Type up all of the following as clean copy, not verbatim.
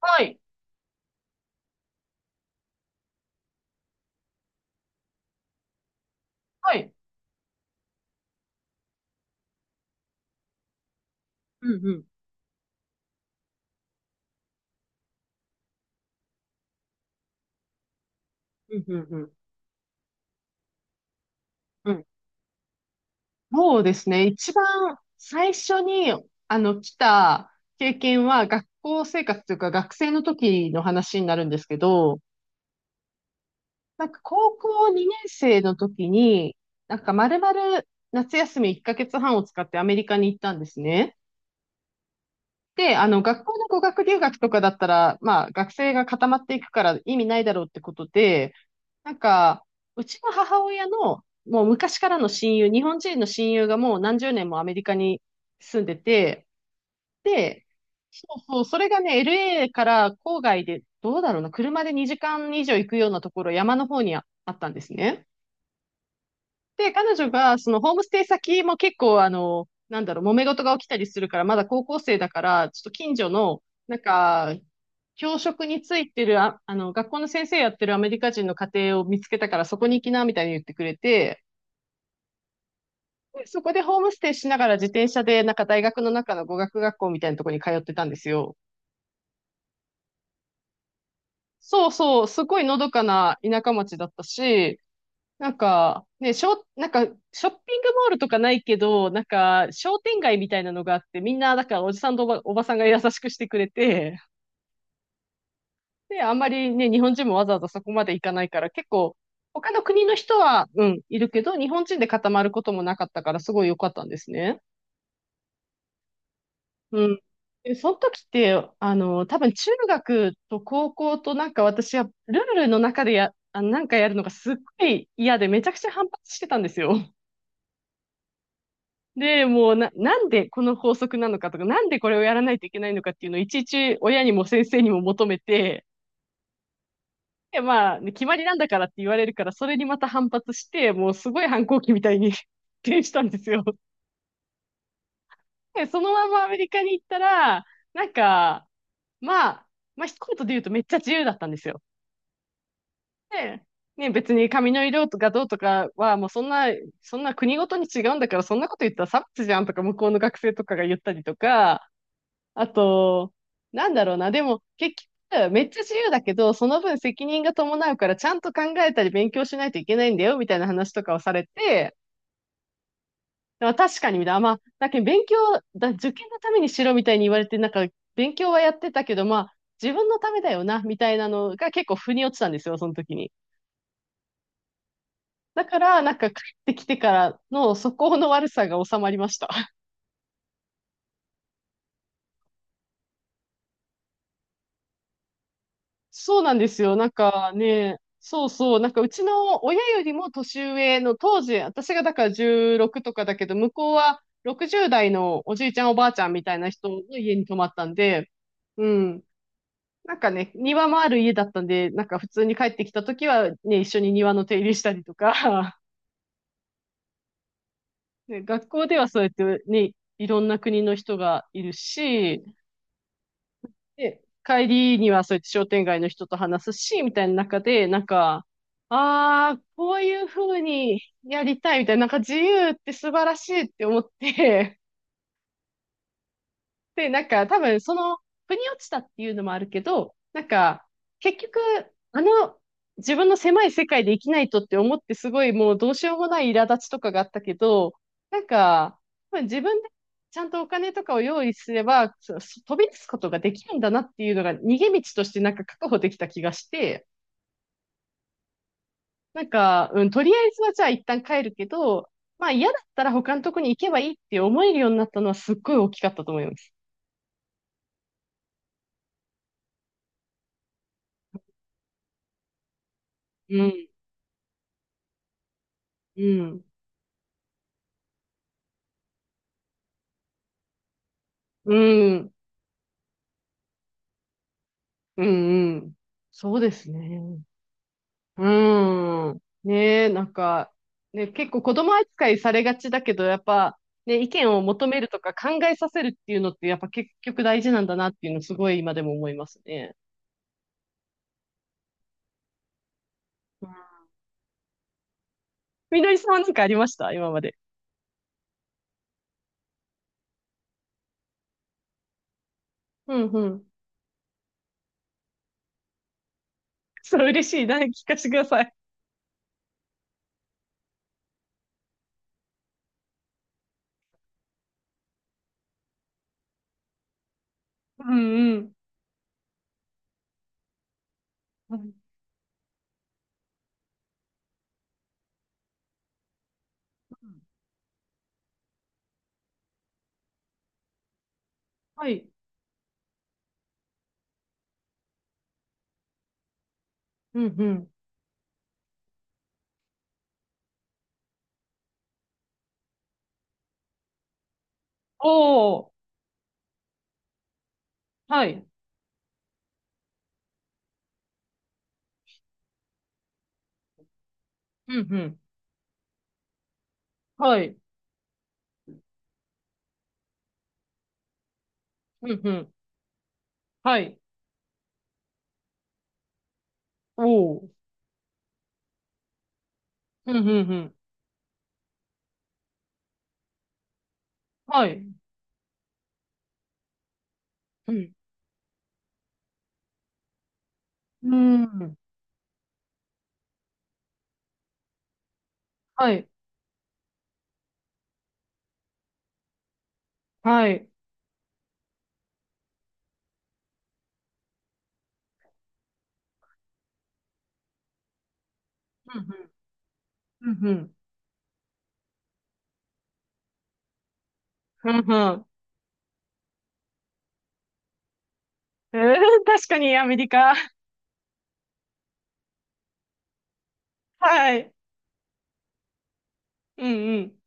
はい。はい。うんうん。うんうんうんうん。そうですね。一番最初に、来た経験は、学校生活というか、学生の時の話になるんですけど、なんか高校2年生の時に、なんか丸々夏休み1ヶ月半を使ってアメリカに行ったんですね。で、学校の語学留学とかだったら、まあ、学生が固まっていくから意味ないだろうってことで、なんか、うちの母親の、もう昔からの親友、日本人の親友がもう何十年もアメリカに住んでて、で、そうそう、それがね、LA から郊外で、どうだろうな、車で2時間以上行くようなところ、山の方にああったんですね。で、彼女が、そのホームステイ先も結構、なんだろう、揉め事が起きたりするから、まだ高校生だから、ちょっと近所の、なんか、教職についてる、学校の先生やってるアメリカ人の家庭を見つけたから、そこに行きな、みたいに言ってくれて、でそこでホームステイしながら自転車で、なんか大学の中の語学学校みたいなところに通ってたんですよ。そうそう、すごいのどかな田舎町だったし、なんか、ね、なんか、ショッピングモールとかないけど、なんか、商店街みたいなのがあって、みんな、だから、おじさんとおばさんが優しくしてくれて、で、あんまりね、日本人もわざわざそこまで行かないから、結構、他の国の人は、うん、いるけど、日本人で固まることもなかったから、すごい良かったんですね。うん。で、その時って、多分中学と高校となんか私はルールの中でなんかやるのがすっごい嫌でめちゃくちゃ反発してたんですよ。で、もうなんでこの法則なのかとか、なんでこれをやらないといけないのかっていうのをいちいち親にも先生にも求めて、で、まあ、ね決まりなんだからって言われるから、それにまた反発して、もうすごい反抗期みたいに 転したんですよ。で、そのままアメリカに行ったら、なんか、まあ、まあ、一言で言うとめっちゃ自由だったんですよ。で、ね、別に髪の色とかどうとかは、もうそんな国ごとに違うんだから、そんなこと言ったら差別じゃんとか、向こうの学生とかが言ったりとか、あと、なんだろうな。でも、結局、めっちゃ自由だけど、その分責任が伴うから、ちゃんと考えたり勉強しないといけないんだよ、みたいな話とかをされて、まあ、確かに、みたいな。まあ、だけど勉強だ、受験のためにしろ、みたいに言われて、なんか、勉強はやってたけど、まあ、自分のためだよな、みたいなのが結構腑に落ちたんですよ、その時に。だから、なんか、帰ってきてからの素行の悪さが収まりました。そうなんですよ。なんかね、そうそう。なんかうちの親よりも年上の当時、私がだから16とかだけど、向こうは60代のおじいちゃんおばあちゃんみたいな人の家に泊まったんで、うん。なんかね、庭もある家だったんで、なんか普通に帰ってきた時はね、一緒に庭の手入れしたりとか、ね、学校ではそうやってね、いろんな国の人がいるし、で、帰りにはそうやって商店街の人と話すし、みたいな中で、なんか、ああ、こういう風にやりたいみたいな、なんか自由って素晴らしいって思って、で、なんか多分その、腑に落ちたっていうのもあるけど、なんか、結局、あの、自分の狭い世界で生きないとって思ってすごいもうどうしようもない苛立ちとかがあったけど、なんか、多分自分でちゃんとお金とかを用意すれば、そそ飛び出すことができるんだなっていうのが逃げ道としてなんか確保できた気がして、なんか、うん、とりあえずはじゃあ一旦帰るけど、まあ嫌だったら他のとこに行けばいいって思えるようになったのはすっごい大きかったと思います。うん、うん。うん。うんうん。そうですね。うん。ねえ、なんか、ね、結構子供扱いされがちだけど、やっぱ、ね、意見を求めるとか考えさせるっていうのって、やっぱ結局大事なんだなっていうの、すごい今でも思いますね。うんみのりさんは何かありました今まで？うんうん。それ嬉しいな。聞かせてください。うんうん。うんうんはい。うんうん。おお。はい。うんうん。はい。うんうん。はい。おお。うんうんうん。はい。うんうん。はい。はい。うんうん。うんうん。うんうん。うん確かにアメリカ。はい。うんうん。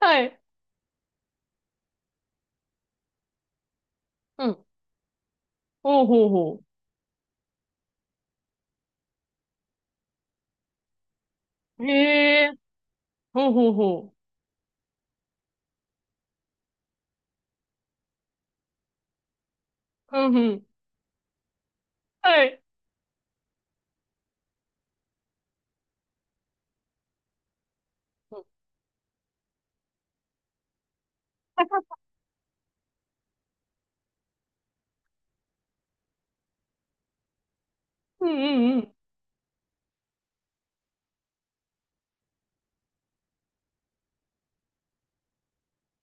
はい。うん。おうほうほう。へえー。ほうほうほう。うんうん。はい。うん うんうん。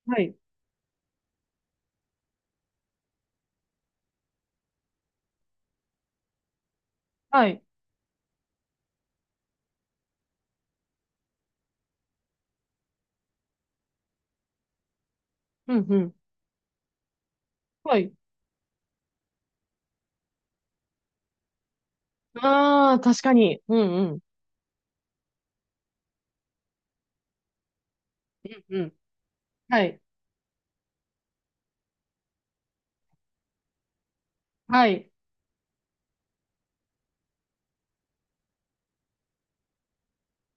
はい。はい。うんうん。はい。ああ、確かに。うんうん。うんうん。はい。はい。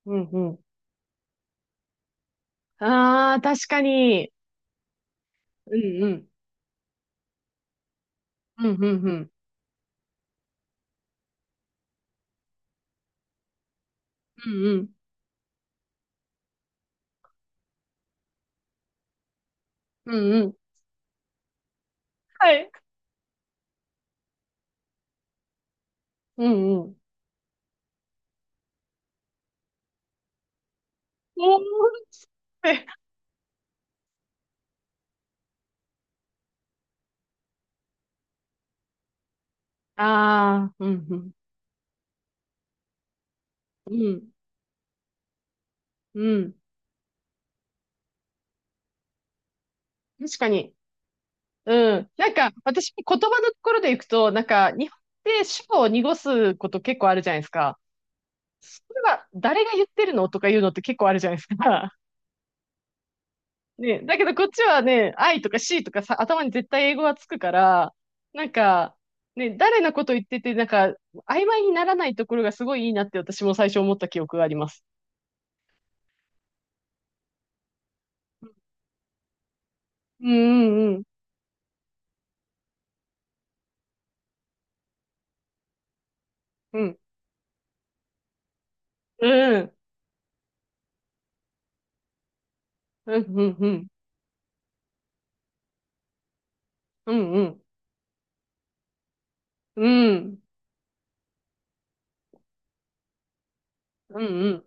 うんうん。ああ、確かに。うんうん。うんうんうん。うんうん。うんうん。はい。うんうん。おーってああ、うん、うん、うん、うん。確かに。うん。なんか、私、言葉のところでいくと、なんか、日本って主語を濁すこと結構あるじゃないですか。それは、誰が言ってるのとか言うのって結構あるじゃないですか。ね、だけどこっちはね、I とか C とかさ、頭に絶対英語がつくから、なんか、ね、誰のこと言ってて、なんか、曖昧にならないところがすごいいいなって私も最初思った記憶があります。うんうんうん。うん。うん。うんうんうん。うんうん。うん。うんうん。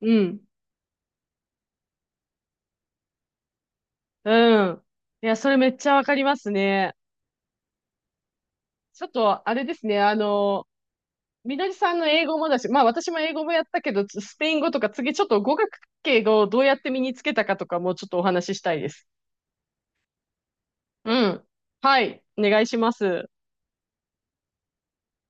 うん。うん。いや、それめっちゃわかりますね。ちょっと、あれですね。みどりさんの英語もだし、まあ私も英語もやったけど、スペイン語とか次ちょっと語学系をどうやって身につけたかとかもちょっとお話ししたいです。うん。はい。お願いします。